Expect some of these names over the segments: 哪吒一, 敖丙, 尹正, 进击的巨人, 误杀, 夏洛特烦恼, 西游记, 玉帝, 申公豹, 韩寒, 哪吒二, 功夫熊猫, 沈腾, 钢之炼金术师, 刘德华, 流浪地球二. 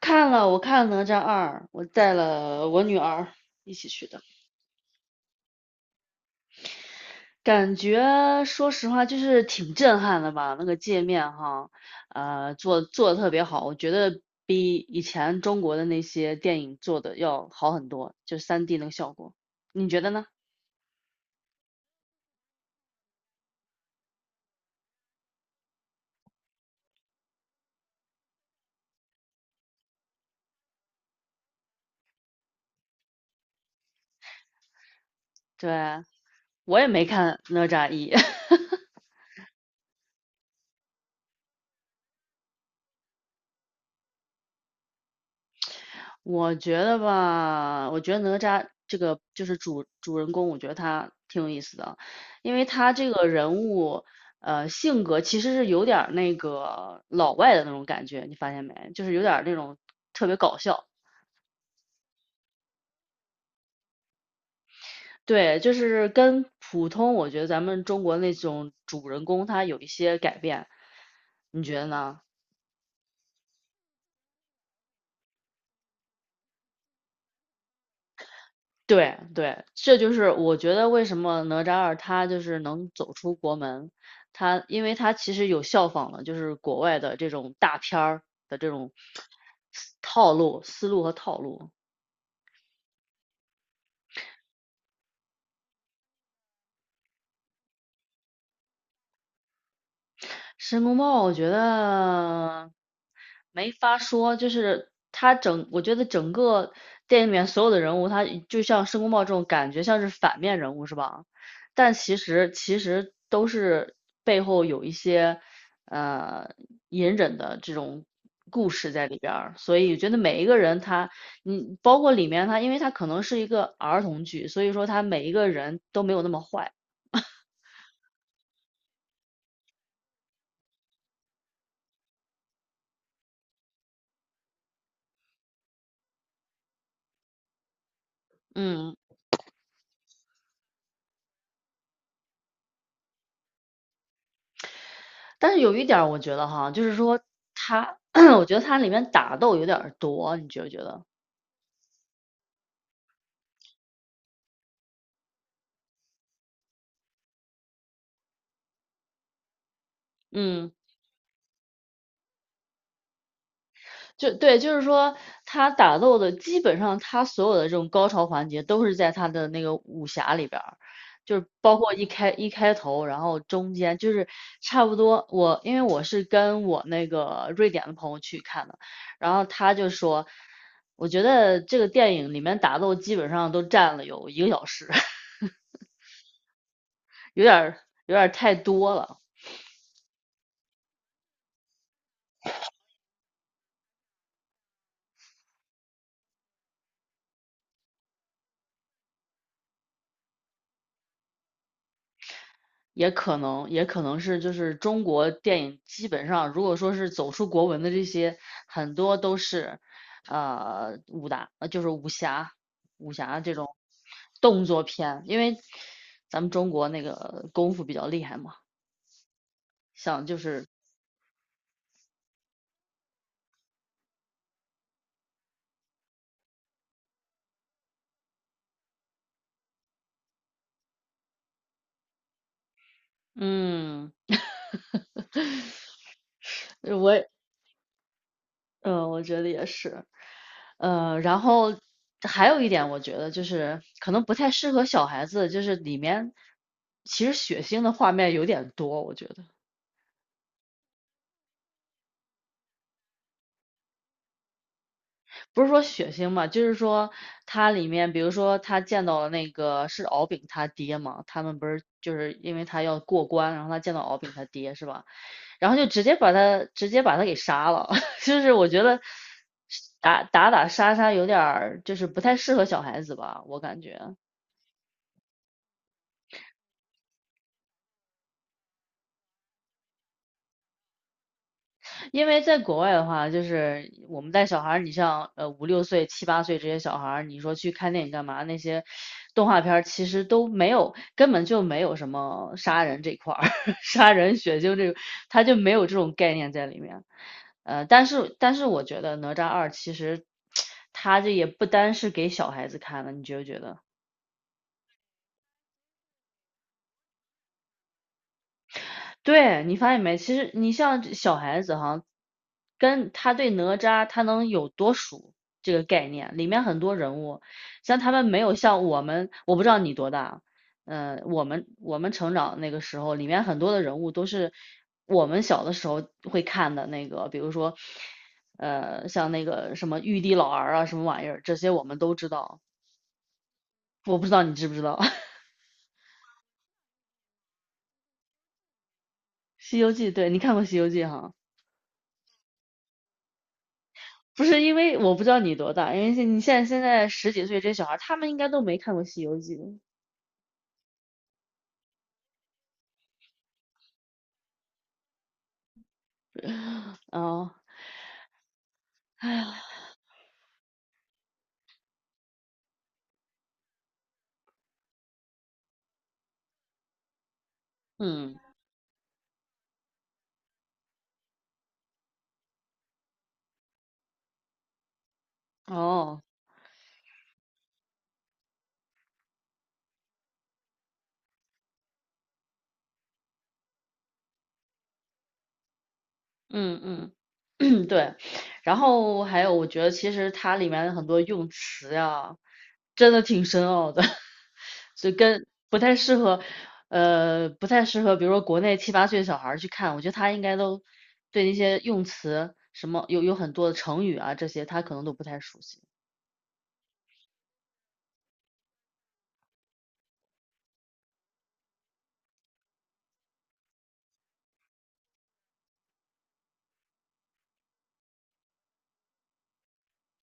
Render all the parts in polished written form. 看了，我看了《哪吒二》，我带了我女儿一起去的。感觉说实话就是挺震撼的吧，那个界面哈，做的特别好，我觉得比以前中国的那些电影做的要好很多，就三 d 那个效果，你觉得呢？对啊，我也没看《哪吒一》。我觉得吧，我觉得哪吒这个就是主人公，我觉得他挺有意思的。因为他这个人物，性格其实是有点儿那个老外的那种感觉，你发现没？就是有点儿那种特别搞笑。对，就是跟普通我觉得咱们中国那种主人公他有一些改变，你觉得呢？对对，这就是我觉得为什么哪吒二他就是能走出国门。他因为他其实有效仿了就是国外的这种大片儿的这种套路、思路和套路。申公豹我觉得没法说，就是他整，我觉得整个电影里面所有的人物，他就像申公豹这种感觉像是反面人物是吧？但其实都是背后有一些呃隐忍的这种故事在里边儿，所以我觉得每一个人他，你包括里面他，因为他可能是一个儿童剧，所以说他每一个人都没有那么坏。嗯。但是有一点儿我觉得哈，就是说它，我觉得它里面打斗有点儿多，你觉不觉得？嗯，就对，就是说他打斗的基本上他所有的这种高潮环节都是在他的那个武侠里边儿，就是包括一开头，然后中间就是差不多。我因为我是跟我那个瑞典的朋友去看的，然后他就说，我觉得这个电影里面打斗基本上都占了有一个小时，有点儿有点儿太多了。也可能，也可能是就是中国电影基本上，如果说是走出国门的这些，很多都是武打，就是武侠、这种动作片，因为咱们中国那个功夫比较厉害嘛。像就是嗯，我嗯，我觉得也是。然后还有一点，我觉得就是可能不太适合小孩子，就是里面其实血腥的画面有点多，我觉得不是说血腥嘛，就是说它里面，比如说他见到了那个是敖丙他爹嘛，他们不是就是因为他要过关，然后他见到敖丙他爹是吧？然后就直接把他直接把他给杀了，就是我觉得打打杀杀有点儿就是不太适合小孩子吧，我感觉。因为在国外的话，就是我们带小孩儿，你像五六岁、七八岁这些小孩儿，你说去看电影干嘛？那些动画片儿其实都没有，根本就没有什么杀人这块儿，杀人血腥这个，他就没有这种概念在里面。但是我觉得哪吒二其实 它这也不单是给小孩子看的，你觉不觉得？对，你发现没？其实你像这小孩子哈，跟他对哪吒他能有多熟这个概念，里面很多人物，像他们没有像我们，我不知道你多大。嗯，我们成长那个时候，里面很多的人物都是我们小的时候会看的那个，比如说，像那个什么玉帝老儿啊，什么玩意儿，这些我们都知道，我不知道你知不知道 《西游记》？对，你看过《西游记》哈？不是因为我不知道你多大，因为现在十几岁这些小孩他们应该都没看过《西游记》。哦，嗯，哦，嗯嗯。对，然后还有，我觉得其实它里面的很多用词呀，真的挺深奥的，所以跟不太适合，不太适合，比如说国内七八岁小孩儿去看，我觉得他应该都对那些用词什么有很多的成语啊这些，他可能都不太熟悉。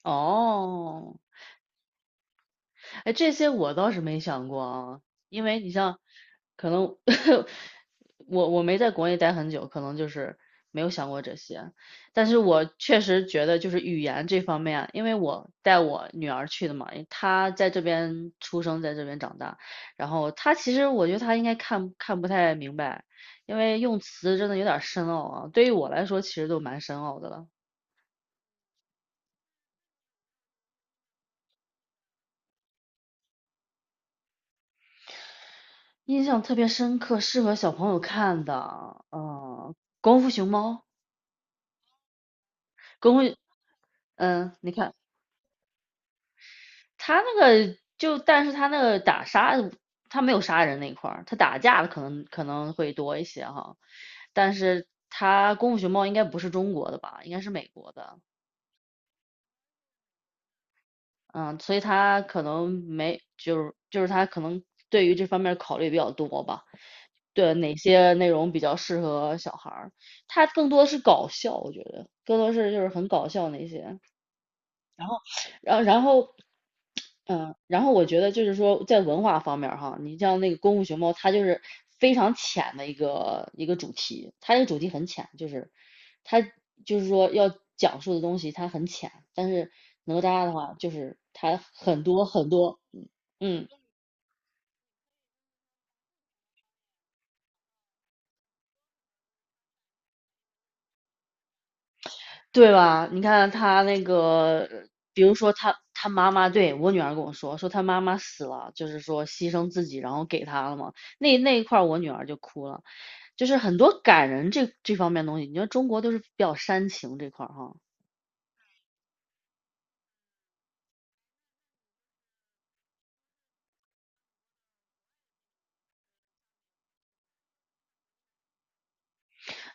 哦，哎，这些我倒是没想过啊。因为你像，可能 我没在国内待很久，可能就是没有想过这些。但是我确实觉得就是语言这方面啊，因为我带我女儿去的嘛，因为她在这边出生，在这边长大，然后她其实我觉得她应该看不太明白，因为用词真的有点深奥啊，对于我来说其实都蛮深奥的了。印象特别深刻，适合小朋友看的，嗯，《功夫熊猫》。公，会，嗯，你看他那个就，但是他那个打杀，他没有杀人那一块儿，他打架的可能会多一些哈，但是他功夫熊猫应该不是中国的吧，应该是美国的。嗯，所以他可能没，就是他可能对于这方面考虑比较多吧，对哪些内容比较适合小孩儿，他更多是搞笑，我觉得更多是就是很搞笑那些。然后，然后，然后，嗯，然后我觉得就是说，在文化方面儿哈，你像那个《功夫熊猫》，它就是非常浅的一个主题，它这个主题很浅，就是它就是说要讲述的东西它很浅，但是哪吒的话就是它很多很多。嗯。对吧？你看他那个，比如说他妈妈，对，我女儿跟我说，说他妈妈死了，就是说牺牲自己，然后给他了嘛。那那一块儿我女儿就哭了，就是很多感人这方面的东西。你说中国都是比较煽情这块儿哈。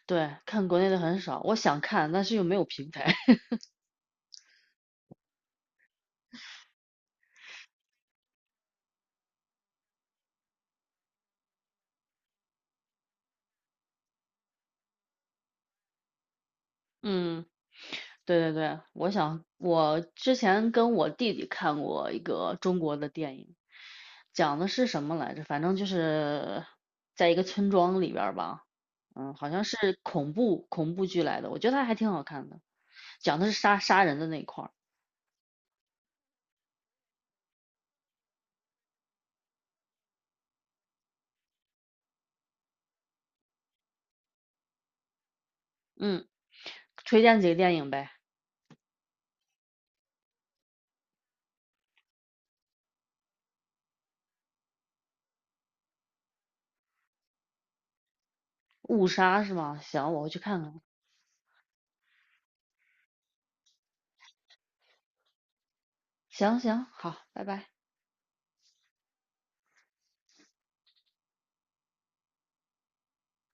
对，看国内的很少，我想看，但是又没有平台。嗯，对对对，我想我之前跟我弟弟看过一个中国的电影，讲的是什么来着？反正就是在一个村庄里边儿吧，嗯，好像是恐怖剧来的，我觉得它还挺好看的，讲的是杀人的那一块儿。嗯，推荐几个电影呗，《误杀》是吗？行，我回去看看。行行，好，拜拜。